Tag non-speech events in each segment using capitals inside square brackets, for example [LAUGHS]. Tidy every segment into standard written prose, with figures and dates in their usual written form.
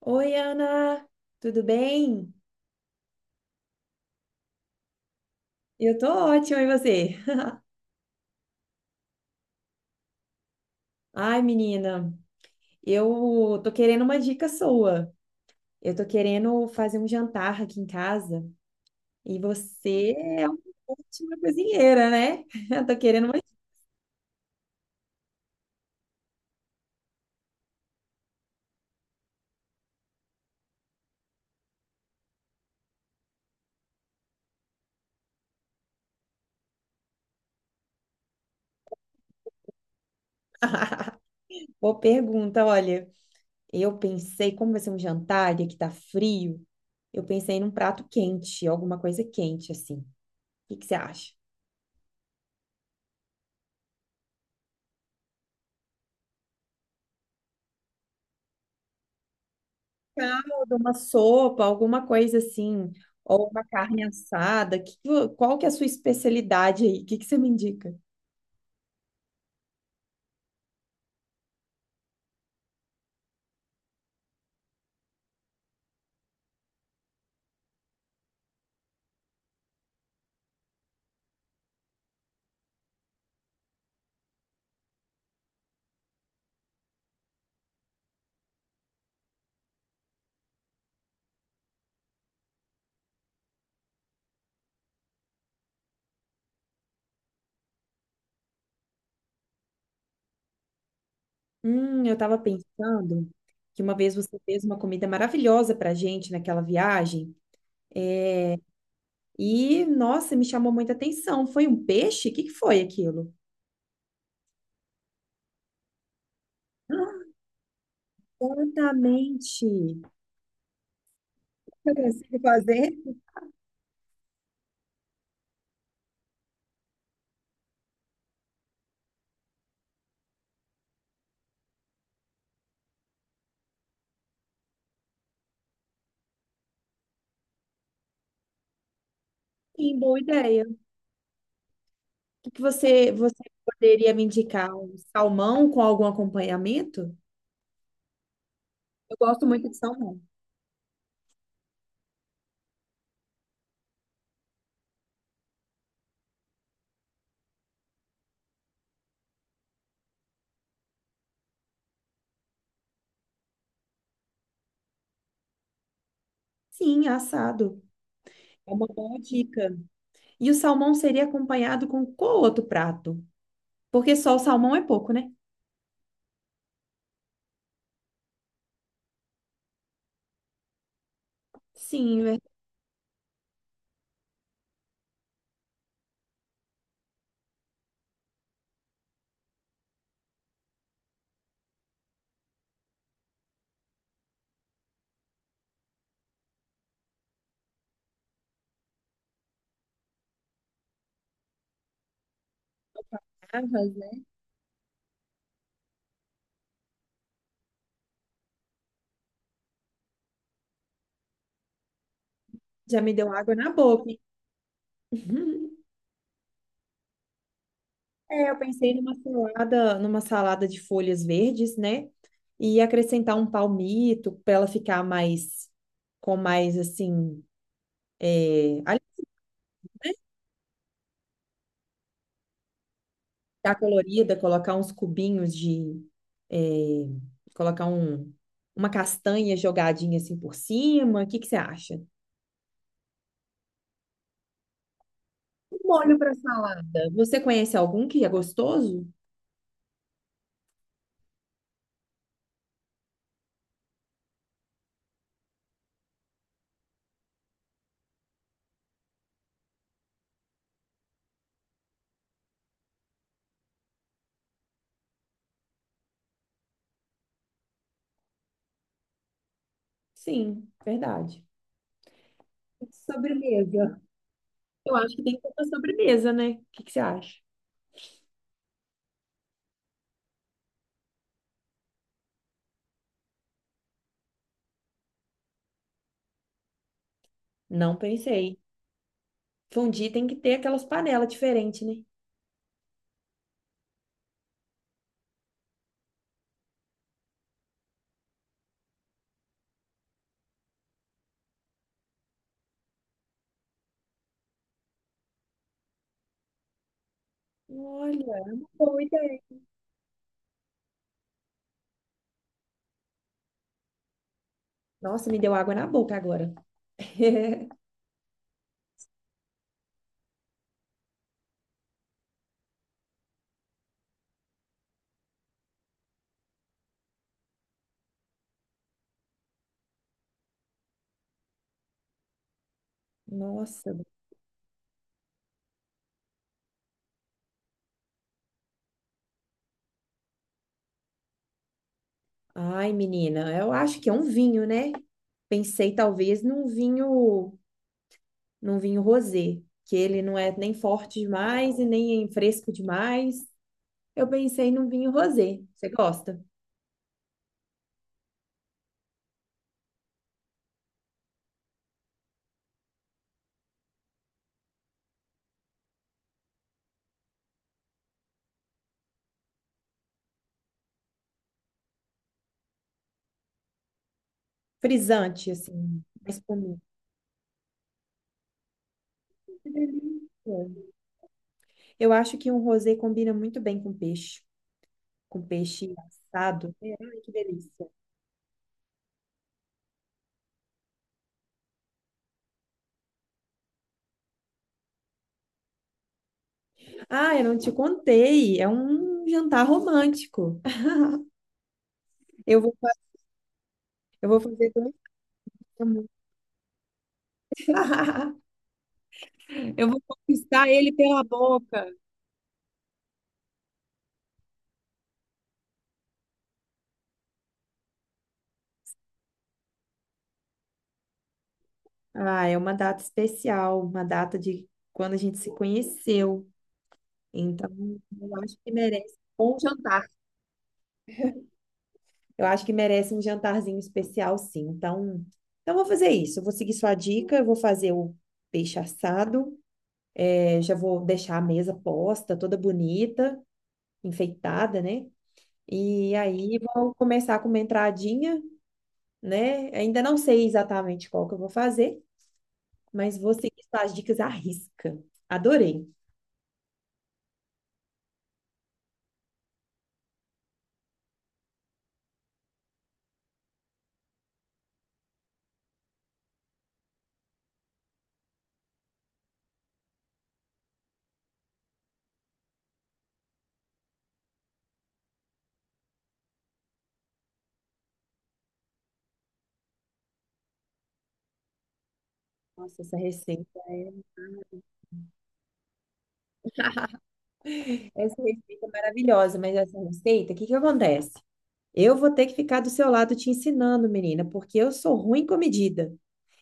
Oi, Ana, tudo bem? Eu tô ótima, e você? Ai, menina, eu tô querendo uma dica sua. Eu tô querendo fazer um jantar aqui em casa e você é uma ótima cozinheira, né? [LAUGHS] Eu tô querendo uma. [LAUGHS] Boa pergunta, olha. Eu pensei, como vai ser um jantar e aqui tá frio, eu pensei num prato quente, alguma coisa quente assim. O que que você acha? Caldo, uma sopa, alguma coisa assim, ou uma carne assada. Que, qual que é a sua especialidade aí? O que que você me indica? Eu estava pensando que uma vez você fez uma comida maravilhosa para gente naquela viagem e, nossa, me chamou muita atenção. Foi um peixe? O que que foi aquilo? Exatamente. Eu consigo fazer? Sim, boa ideia. O que que você, você poderia me indicar? Um salmão com algum acompanhamento? Eu gosto muito de salmão. Sim, assado. É uma boa dica. E o salmão seria acompanhado com qual outro prato? Porque só o salmão é pouco, né? Sim, verdade. Né? Já me deu água na boca, hein? [LAUGHS] É, eu pensei numa salada de folhas verdes, né? E acrescentar um palmito para ela ficar mais, com mais assim, é, ficar colorida, colocar uns cubinhos de, é, colocar um, uma castanha jogadinha assim por cima. O que que você acha? Molho para salada. Você conhece algum que é gostoso? Sim, verdade. Sobremesa. Eu acho que tem que ter uma sobremesa, né? O que que você acha? Não pensei. Fondue tem que ter aquelas panelas diferentes, né? Olha, é uma boa ideia. Nossa, me deu água na boca agora. Nossa. Ai, menina, eu acho que é um vinho, né? Pensei talvez num vinho rosé, que ele não é nem forte demais e nem fresco demais. Eu pensei num vinho rosé. Você gosta? Frisante, assim, mais comum. Que delícia. Eu acho que um rosé combina muito bem com peixe assado. É, ai, que delícia. Ah, eu não te contei. É um jantar romântico. Eu vou, fa- eu vou fazer dois ramos. [LAUGHS] Eu vou conquistar ele pela boca. Ah, é uma data especial, uma data de quando a gente se conheceu. Então, eu acho que merece um bom jantar. Eu acho que merece um jantarzinho especial, sim. Então, eu vou fazer isso. Eu vou seguir sua dica, eu vou fazer o peixe assado, é, já vou deixar a mesa posta, toda bonita, enfeitada, né? E aí vou começar com uma entradinha, né? Ainda não sei exatamente qual que eu vou fazer, mas vou seguir suas dicas à risca. Adorei. Nossa, essa receita é maravilhosa, mas essa receita, o que que acontece? Eu vou ter que ficar do seu lado te ensinando, menina, porque eu sou ruim com medida.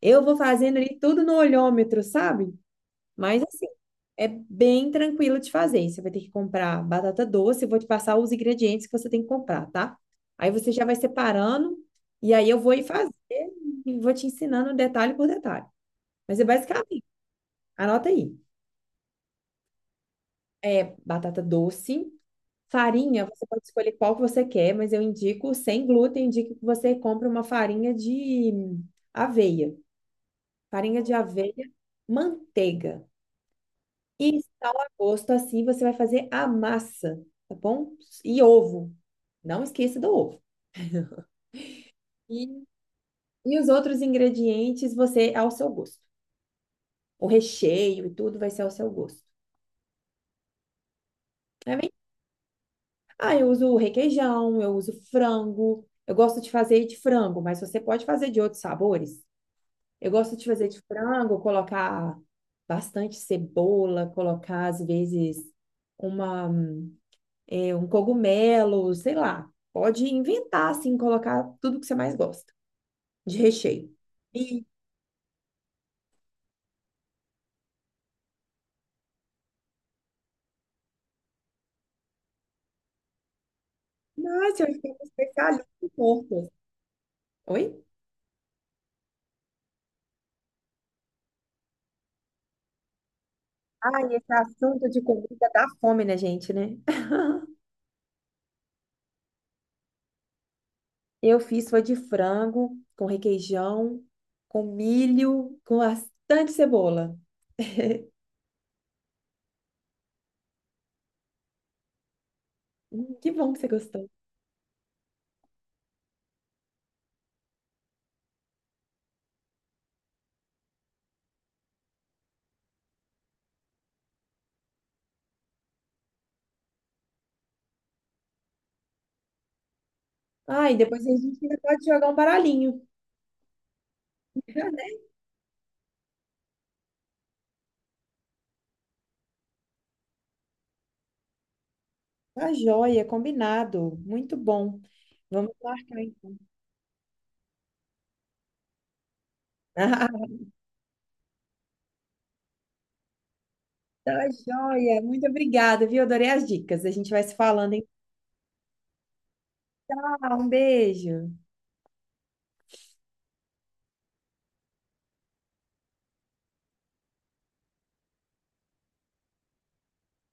Eu vou fazendo ali tudo no olhômetro, sabe? Mas assim, é bem tranquilo de fazer. Você vai ter que comprar batata doce, eu vou te passar os ingredientes que você tem que comprar, tá? Aí você já vai separando e aí eu vou ir fazer e vou te ensinando detalhe por detalhe. Mas é basicamente, anota aí. É batata doce, farinha, você pode escolher qual que você quer, mas eu indico sem glúten, indico que você compre uma farinha de aveia. Farinha de aveia, manteiga e sal a gosto, assim você vai fazer a massa, tá bom? E ovo. Não esqueça do ovo. E, e os outros ingredientes você ao seu gosto. O recheio e tudo vai ser ao seu gosto. Tá bem? Ah, eu uso requeijão, eu uso frango. Eu gosto de fazer de frango, mas você pode fazer de outros sabores. Eu gosto de fazer de frango, colocar bastante cebola, colocar às vezes uma, é, um cogumelo, sei lá. Pode inventar, assim, colocar tudo que você mais gosta de recheio. E, nossa, eu estou especialista em porcos. Oi? Ai, esse assunto de comida dá fome na gente, né? Eu fiz foi de frango, com requeijão, com milho, com bastante cebola. Que bom que você gostou. Ah, e depois a gente ainda pode jogar um baralhinho. [LAUGHS] Tá joia, combinado. Muito bom. Vamos marcar então. [LAUGHS] Ah, tá joia. Muito obrigada, viu? Adorei as dicas. A gente vai se falando, hein? Ah, um beijo.